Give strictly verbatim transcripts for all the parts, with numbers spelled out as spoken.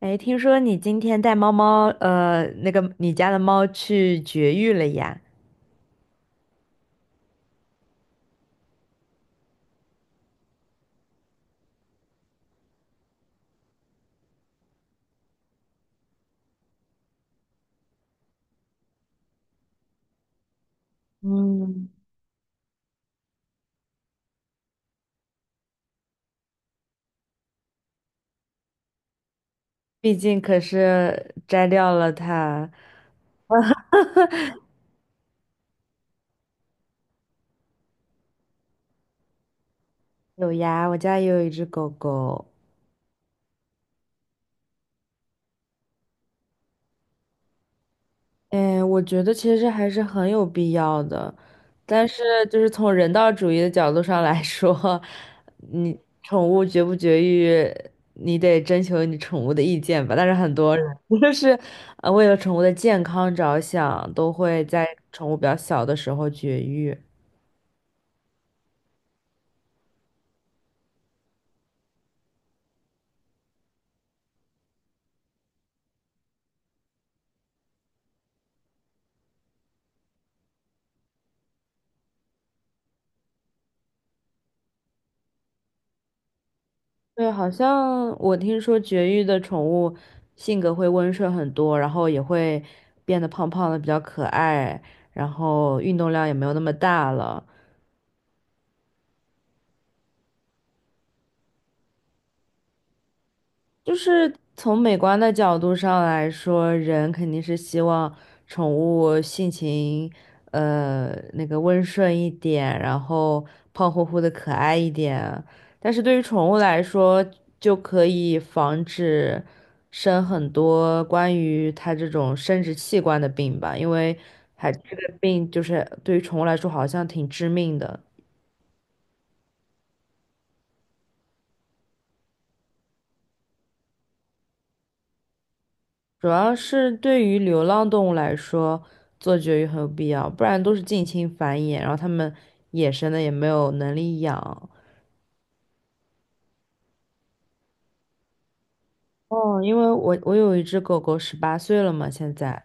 哎，听说你今天带猫猫，呃，那个你家的猫去绝育了呀？嗯，毕竟可是摘掉了它。有呀，我家也有一只狗狗。哎，我觉得其实还是很有必要的，但是就是从人道主义的角度上来说，你宠物绝不绝育，你得征求你宠物的意见吧。但是很多人 就是呃为了宠物的健康着想，都会在宠物比较小的时候绝育。对，好像我听说绝育的宠物性格会温顺很多，然后也会变得胖胖的，比较可爱，然后运动量也没有那么大了。就是从美观的角度上来说，人肯定是希望宠物性情，呃，那个温顺一点，然后胖乎乎的可爱一点。但是对于宠物来说，就可以防止生很多关于它这种生殖器官的病吧，因为还这个病就是对于宠物来说好像挺致命的。主要是对于流浪动物来说，做绝育很有必要，不然都是近亲繁衍，然后它们野生的也没有能力养。哦，因为我我有一只狗狗，十八岁了嘛，现在，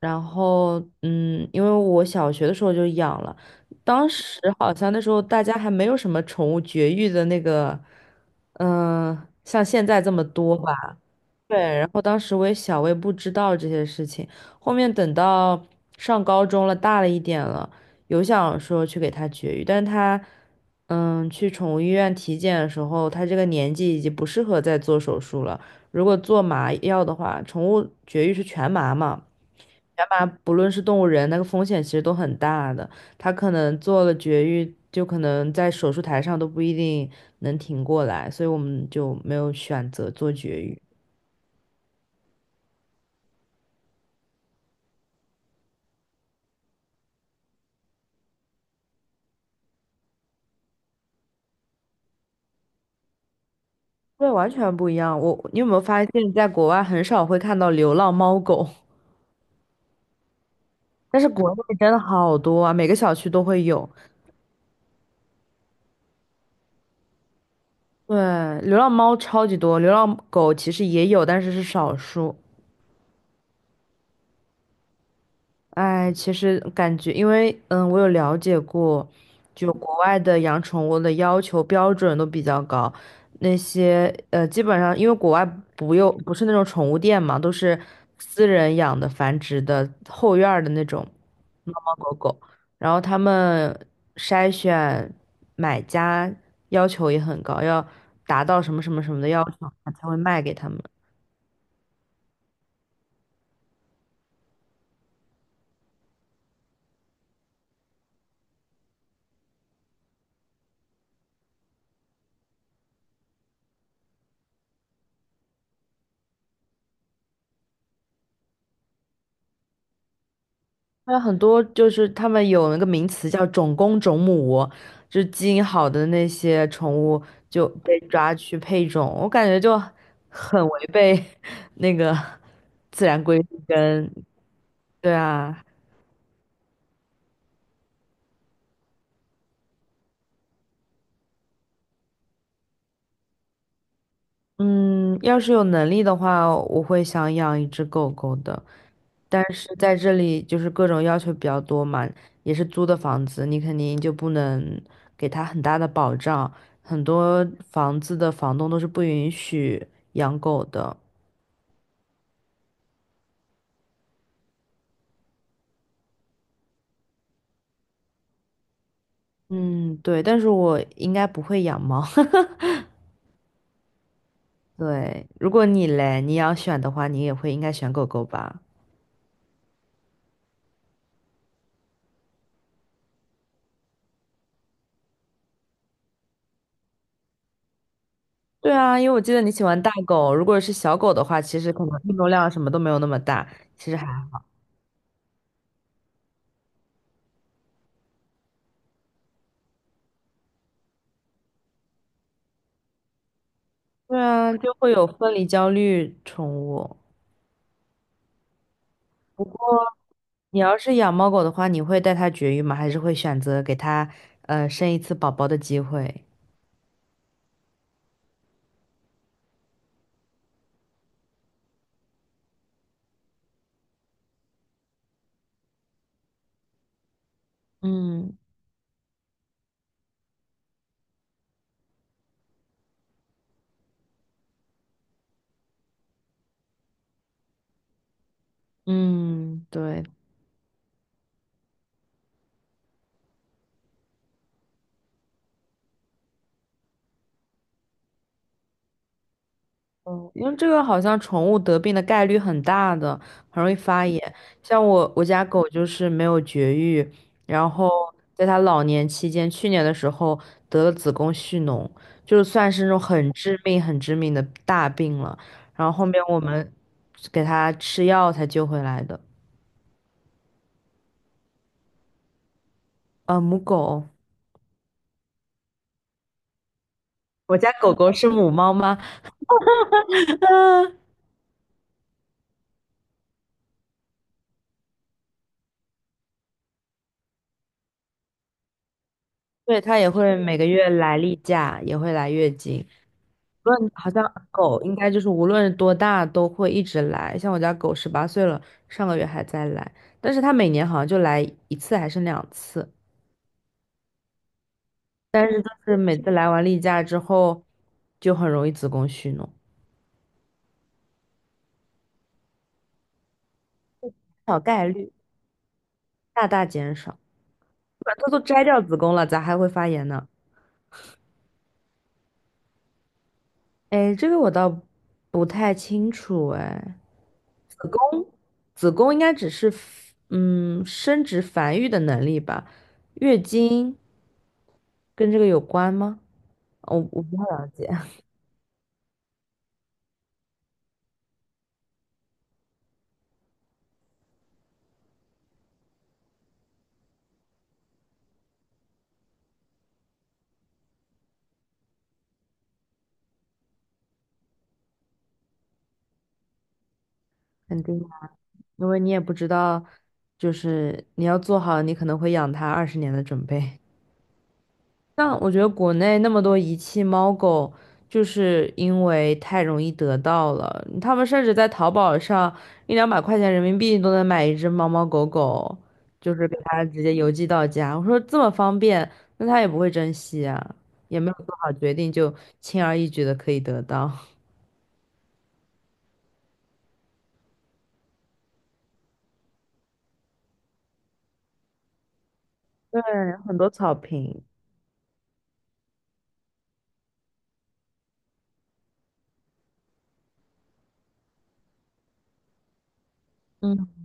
然后嗯，因为我小学的时候就养了，当时好像那时候大家还没有什么宠物绝育的那个，嗯、像现在这么多吧。对，然后当时我也小，我也不知道这些事情。后面等到上高中了，大了一点了，有想说去给他绝育，但是他，嗯，去宠物医院体检的时候，他这个年纪已经不适合再做手术了。如果做麻药的话，宠物绝育是全麻嘛，全麻不论是动物人，那个风险其实都很大的。他可能做了绝育，就可能在手术台上都不一定能挺过来，所以我们就没有选择做绝育。对，完全不一样。我，你有没有发现，在国外很少会看到流浪猫狗，但是国内真的好多啊，每个小区都会有。对，流浪猫超级多，流浪狗其实也有，但是是少数。哎，其实感觉，因为嗯，我有了解过，就国外的养宠物的要求标准都比较高，那些呃，基本上因为国外不用不是那种宠物店嘛，都是私人养的繁殖的后院儿的那种猫猫狗狗，然后他们筛选买家要求也很高，要达到什么什么什么的要求，他才会卖给他们。还有很多就是他们有那个名词叫种公种母，就是基因好的那些宠物就被抓去配种，我感觉就很违背 那个自然规律跟，对啊，嗯，要是有能力的话，我会想养一只狗狗的。但是在这里就是各种要求比较多嘛，也是租的房子，你肯定就不能给它很大的保障。很多房子的房东都是不允许养狗的。嗯，对，但是我应该不会养猫。对，如果你嘞，你要选的话，你也会应该选狗狗吧？对啊，因为我记得你喜欢大狗，如果是小狗的话，其实可能运动量什么都没有那么大，其实还。对啊，就会有分离焦虑宠物。你要是养猫狗的话，你会带它绝育吗？还是会选择给它呃生一次宝宝的机会？嗯嗯，对，嗯，因为这个好像宠物得病的概率很大的，很容易发炎。像我我家狗就是没有绝育，然后在它老年期间，去年的时候得了子宫蓄脓，就算是那种很致命、很致命的大病了。然后后面我们给它吃药才救回来的。呃，母狗。我家狗狗是母猫吗？啊，对，它也会每个月来例假，也会来月经。论好像狗应该就是无论多大都会一直来，像我家狗十八岁了，上个月还在来，但是它每年好像就来一次还是两次，是每次来完例假之后，就很容易子宫蓄脓，小概率大大减少，把它都摘掉子宫了，咋还会发炎呢？哎，这个我倒不太清楚哎，子宫子宫应该只是嗯生殖繁育的能力吧，月经跟这个有关吗？我我不太了解，肯定啊，因为你也不知道，就是你要做好你可能会养它二十年的准备。像我觉得国内那么多遗弃猫狗，就是因为太容易得到了，他们甚至在淘宝上一两百块钱人民币都能买一只猫猫狗狗，就是给它直接邮寄到家。我说这么方便，那它也不会珍惜啊，也没有做好决定就轻而易举的可以得到。对，很多草坪。嗯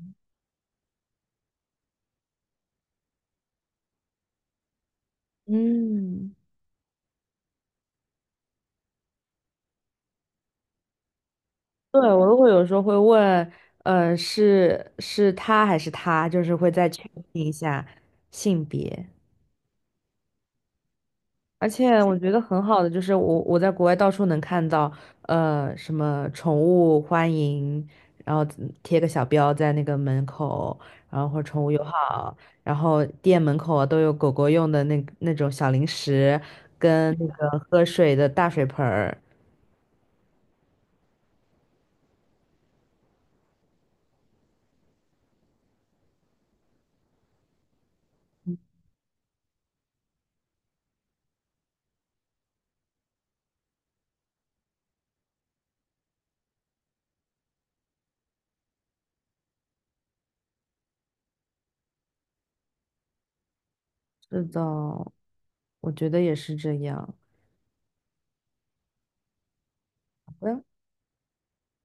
嗯。对，我都会有时候会问，呃，是是他还是他，就是会再确定一下性别。而且我觉得很好的就是我我在国外到处能看到，呃，什么宠物欢迎，然后贴个小标在那个门口，然后或者宠物友好，然后店门口啊都有狗狗用的那那种小零食跟那个喝水的大水盆儿。是的，我觉得也是这样。